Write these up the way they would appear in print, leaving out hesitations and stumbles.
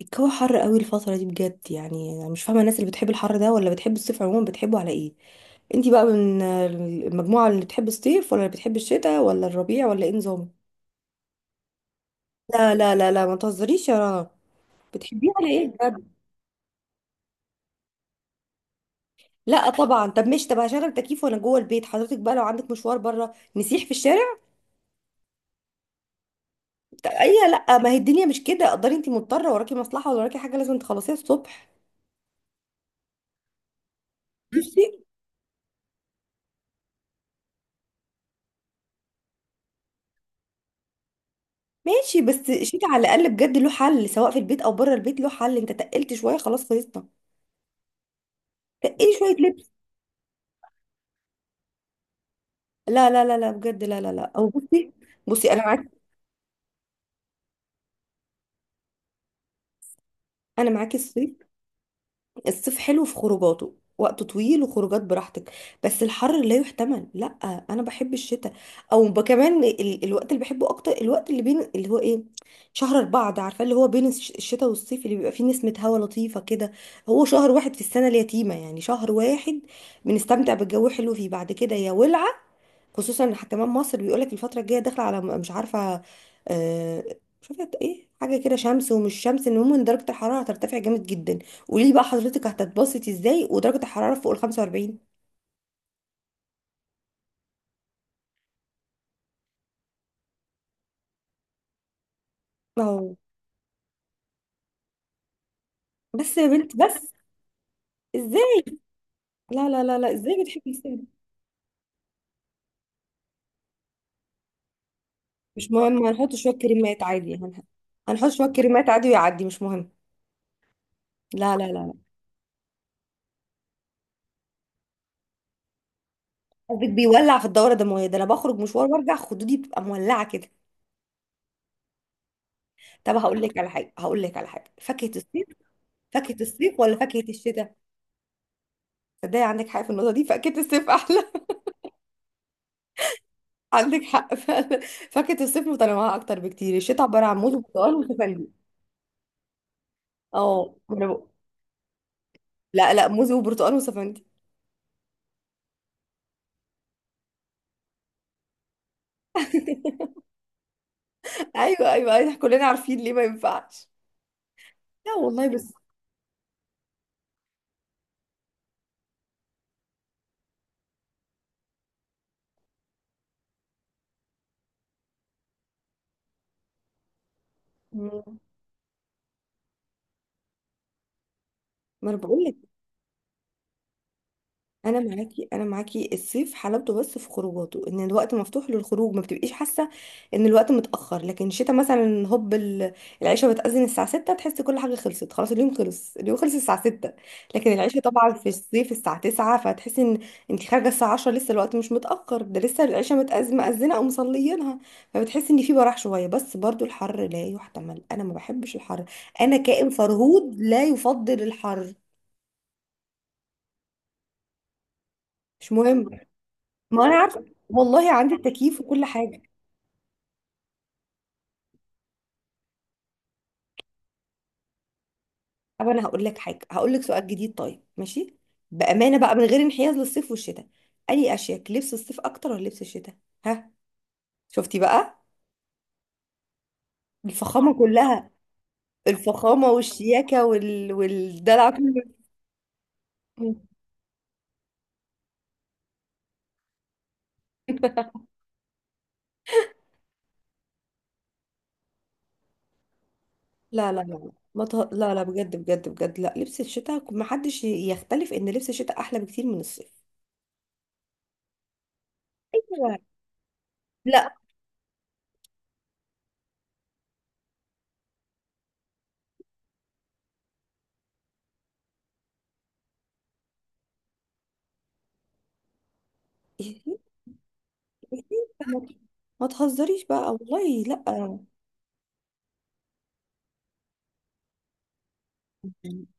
الجو حر قوي الفترة دي بجد، يعني انا مش فاهمة الناس اللي بتحب الحر ده ولا بتحب الصيف عموما. بتحبه على ايه؟ انتي بقى من المجموعة اللي بتحب الصيف ولا اللي بتحب الشتاء ولا الربيع ولا ايه نظام؟ لا لا لا لا، ما تهزريش يا رنا. بتحبيه على ايه بجد؟ لا طبعا. طب مش، طب هشغل تكييف وانا جوه البيت، حضرتك بقى لو عندك مشوار بره نسيح في الشارع. طب اي، لا، ما هي الدنيا مش كده قدري، انتي مضطرة، وراكي مصلحة ولا وراكي حاجة لازم تخلصيها الصبح. بصي، ماشي، بس الشتاء على الاقل بجد له حل، سواء في البيت او بره البيت له حل. انت تقلت شوية خلاص خلصنا. ايه؟ شويه لبس. لا لا لا لا بجد، لا لا لا، او بصي. بصي انا معاك، انا معاكي الصيف. الصيف حلو في خروجاته، وقت طويل وخروجات براحتك، بس الحر لا يحتمل، لا. انا بحب الشتاء. او كمان الوقت اللي بحبه اكتر، الوقت اللي بين اللي هو ايه، شهر أربعة ده، عارفه اللي هو بين الشتاء والصيف، اللي بيبقى فيه نسمه هوا لطيفه كده. هو شهر واحد في السنه اليتيمه، يعني شهر واحد بنستمتع بالجو حلو فيه، بعد كده يا ولعه. خصوصا ان كمان مصر بيقولك الفتره الجايه داخله على مش عارفه، آه، مش عارفه ايه، حاجه كده شمس ومش شمس، المهم ان درجه الحراره هترتفع جامد جدا. قولي لي بقى، حضرتك هتتبسطي ازاي ودرجه الحراره فوق ال 45؟ اهو. بس يا بنت بس. ازاي؟ لا لا لا لا، ازاي بتحبي السن؟ مش مهم، هنحط شويه كريمات عادي، هنحط شويه كريمات عادي ويعدي، مش مهم. لا لا لا لا. قصدك بيولع في الدوره الدمويه؟ ده انا بخرج مشوار وارجع خدودي بتبقى مولعه كده. طب هقول لك على حاجه، هقول لك على حاجه، فاكهه الصيف، فاكهة الصيف ولا فاكهة الشتاء؟ تصدقي عندك حق في النقطة دي، فاكهة الصيف أحلى. عندك حق فعلا. فاكهة الصيف متنوعة أكتر بكتير. الشتاء عبارة عن موز وبرتقال وسفندي. اه، ما أنا بقول- لا لا، موز وبرتقال وسفندي. أيوه أيوه، إحنا كلنا عارفين ليه ما ينفعش. لا والله، بس. مم. ما أنا بقول لك. انا معاكي، انا معاكي الصيف حلاوته بس في خروجاته، ان الوقت مفتوح للخروج، ما بتبقيش حاسه ان الوقت متاخر. لكن الشتاء مثلا، هوب العشاء بتاذن الساعه 6، تحسي كل حاجه خلصت خلاص، اليوم خلص، اليوم خلص الساعه 6. لكن العشاء طبعا في الصيف الساعه 9، فتحسي ان انت خارجه الساعه 10 لسه الوقت مش متاخر، ده لسه العشاء مأذنه او مصليينها. فبتحسي ان في براح شويه، بس برضو الحر لا يحتمل، انا ما بحبش الحر. انا كائن فرهود لا يفضل الحر. مش مهم. ما انا عارفه. والله عندي التكييف وكل حاجه. طب انا هقول لك حاجه، هقول لك سؤال جديد، طيب ماشي، بامانه بقى من غير انحياز للصيف والشتاء، اني اشيك لبس الصيف اكتر ولا لبس الشتاء؟ ها؟ شفتي بقى. الفخامه كلها. الفخامه والشياكه والدلع كله. لا لا لا، ما ت... لا لا بجد بجد بجد، لا، لبس الشتاء، ما حدش يختلف ان لبس الشتاء احلى بكتير من الصيف. ايوه. لا. ما، ما تهزريش بقى، والله لا.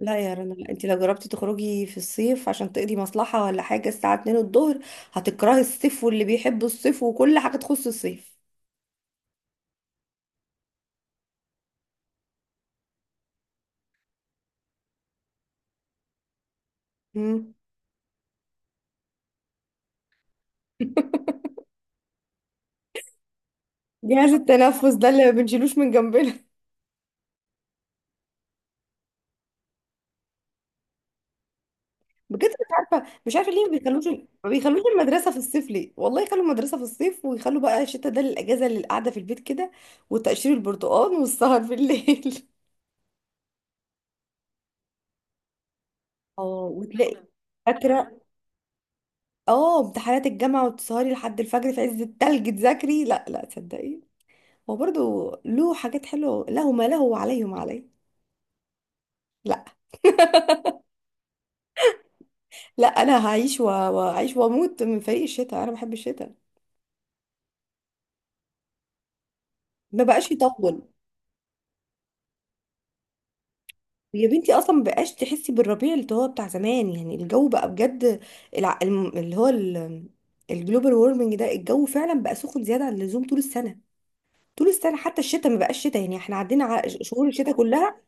لا يا رنا، انت لو جربتي تخرجي في الصيف عشان تقضي مصلحة ولا حاجة الساعة 2 الظهر، هتكرهي الصيف واللي بيحب الصيف وكل حاجة تخص الصيف. مم. جهاز التنفس ده اللي ما بنشيلوش من جنبنا. بجد مش عارفة، مش عارفة ليه ما بيخلوش، ما بيخلوش المدرسة في الصيف ليه؟ والله يخلوا المدرسة في الصيف ويخلوا بقى الشتاء ده للأجازة اللي قاعدة في البيت كده، وتقشير البرتقال والسهر في الليل. اه، وتلاقي، فاكرة، اه، امتحانات الجامعة وتسهري لحد الفجر في عز التلج تذاكري. لا لا، تصدقي هو برضو له حاجات حلوة، له ما له وعليه ما عليه. لا لا، انا هعيش وهعيش واموت من فريق الشتاء، انا بحب الشتاء. ما بقاش يطول. يا بنتي اصلا ما بقاش تحسي بالربيع اللي هو بتاع زمان، يعني الجو بقى بجد، اللي هو الجلوبال وورمنج ده، الجو فعلا بقى سخن زيادة عن اللزوم طول السنة. طول السنة حتى الشتاء ما بقاش شتاء، يعني احنا عدينا على شهور الشتاء كلها،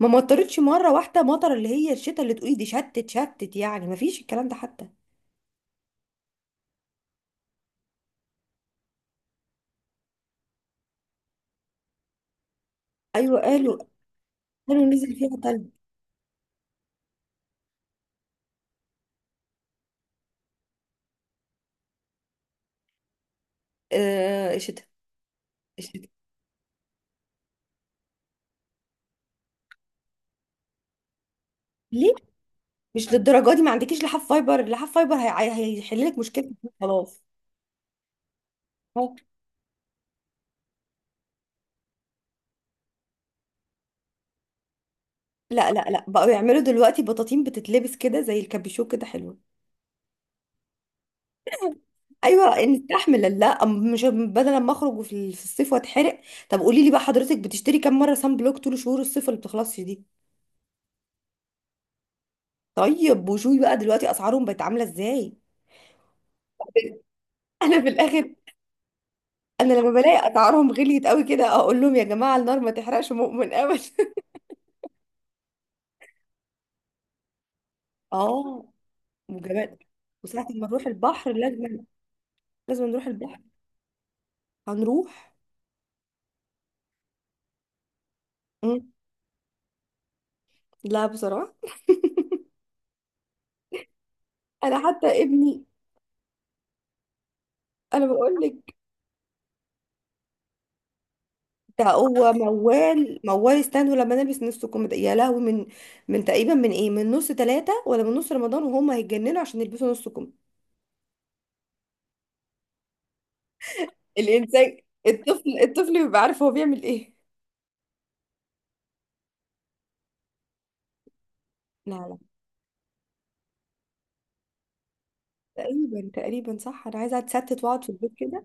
ما مطرتش مرة واحدة مطر اللي هي الشتاء اللي تقولي دي شتت شتت، يعني ما فيش الكلام ده حتى. ايوه، قالوا، قالوا نزل فيها تلج. آه، الشتاء. الشتاء ليه؟ مش للدرجه دي، ما عندكيش لحاف فايبر؟ لحاف فايبر هيحل لك مشكلتك دي خلاص. أهو. لا لا لا، بقوا يعملوا دلوقتي بطاطين بتتلبس كده زي الكابيشو كده، حلوه. ايوه، نستحمل، لا مش بدل ما اخرج في في الصيف واتحرق. طب قولي لي بقى، حضرتك بتشتري كام مره سان بلوك طول شهور الصيف اللي بتخلصش دي؟ طيب وشوي بقى دلوقتي اسعارهم بقت عامله ازاي؟ انا في الاخر، انا لما بلاقي اسعارهم غليت قوي كده اقول لهم، يا جماعه النار ما تحرقش مؤمن ابدا. اه، وجمال. وساعة ما نروح البحر لازم، لازم نروح البحر. هنروح. مم. لا بصراحة. أنا حتى ابني، أنا بقول لك ده هو موال، موال استنوا لما نلبس نص كم ده. يا لهوي، من تقريبا من إيه، من نص ثلاثة ولا من نص رمضان وهم هيتجننوا عشان يلبسوا نص كم. الإنسان، الطفل، الطفل بيبقى عارف هو بيعمل إيه. لا لا. تقريبا تقريبا صح، أنا عايزة أتستت وأقعد في البيت كده.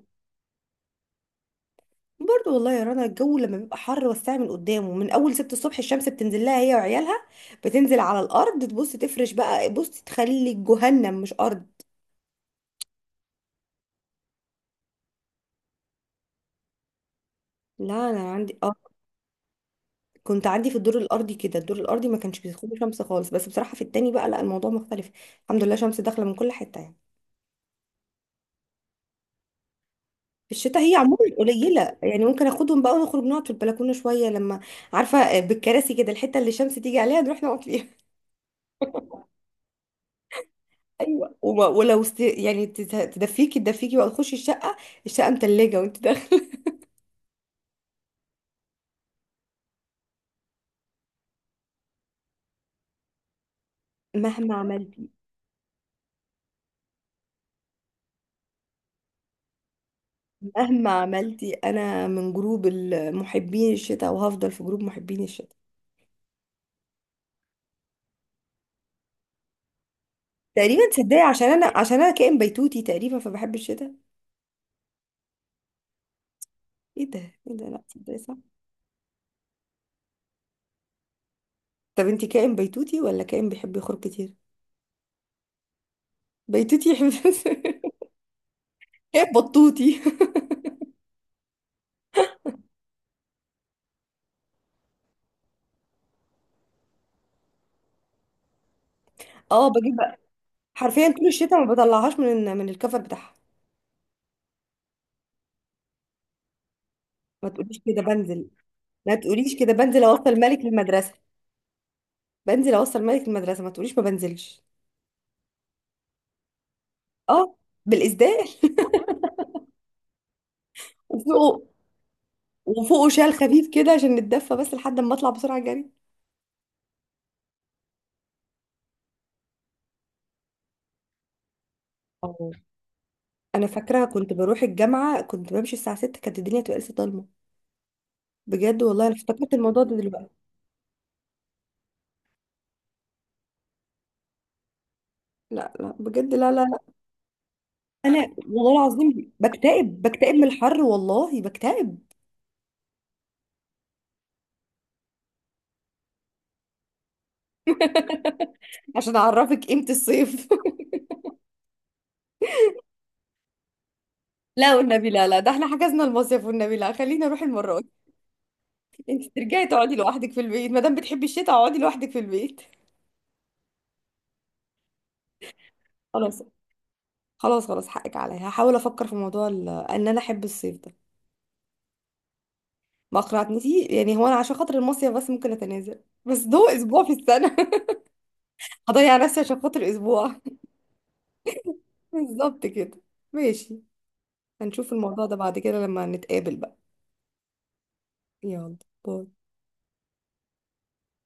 برضه والله يا رنا، الجو لما بيبقى حر والساعة من قدامه من أول ست الصبح الشمس بتنزل لها هي وعيالها، بتنزل على الأرض تبص تفرش بقى بص، تخلي جهنم مش أرض. لا، أنا عندي، اه، كنت عندي في الدور الأرضي كده، الدور الأرضي ما كانش بيدخله شمس خالص، بس بصراحة في التاني بقى لا، الموضوع مختلف. الحمد لله شمس داخلة من كل حتة يعني. في الشتاء هي عموما قليلة يعني، ممكن اخدهم بقى ونخرج نقعد في البلكونة شوية، لما، عارفة، بالكراسي كده، الحتة اللي الشمس تيجي عليها نروح نقعد فيها. ايوه، ولو يعني تدفيكي تدفيكي بقى تخشي الشقه، الشقه متلجه وانت داخله. مهما عملتي، مهما عملتي، انا من جروب محبين الشتاء وهفضل في جروب محبين الشتاء. تقريبا، تصدقي عشان انا، عشان انا كائن بيتوتي تقريبا، فبحب الشتاء. ايه ده؟ ايه ده؟ لا تصدقي، صح. طب انت كائن بيتوتي ولا كائن بيحب يخرج كتير؟ بيتوتي يحب. كائن بطوطي. اه بجيب بقى. حرفيا طول الشتاء ما بطلعهاش من الكفر بتاعها. ما تقوليش كده، بنزل، ما تقوليش كده، بنزل اوصل ملك للمدرسه، بنزل اوصل مالك المدرسه، ما تقوليش ما بنزلش. اه، بالاسدال. وفوقه، وفوقه شال خفيف كده عشان نتدفى، بس لحد ما اطلع بسرعه جري. اه، انا فاكره كنت بروح الجامعه كنت بمشي الساعه 6 كانت الدنيا تبقى لسه ضلمه، بجد والله، انا افتكرت الموضوع ده دلوقتي. لا لا بجد، لا لا لا، انا والله العظيم بكتئب، بكتئب من الحر والله، بكتئب. عشان اعرفك قيمه الصيف. لا والنبي لا لا، ده احنا حجزنا المصيف والنبي، لا خلينا نروح المره دي. انت ترجعي تقعدي لوحدك في البيت ما دام بتحبي الشتاء، اقعدي لوحدك في البيت. خلاص. خلاص خلاص، حقك عليا، هحاول افكر في موضوع ان انا احب الصيف ده. ما اقنعتنيش، يعني هو انا عشان خاطر المصيف بس ممكن اتنازل، بس ده اسبوع في السنه. هضيع نفسي عشان خاطر اسبوع. بالظبط كده. ماشي. هنشوف الموضوع ده بعد كده لما نتقابل بقى. يلا. باي.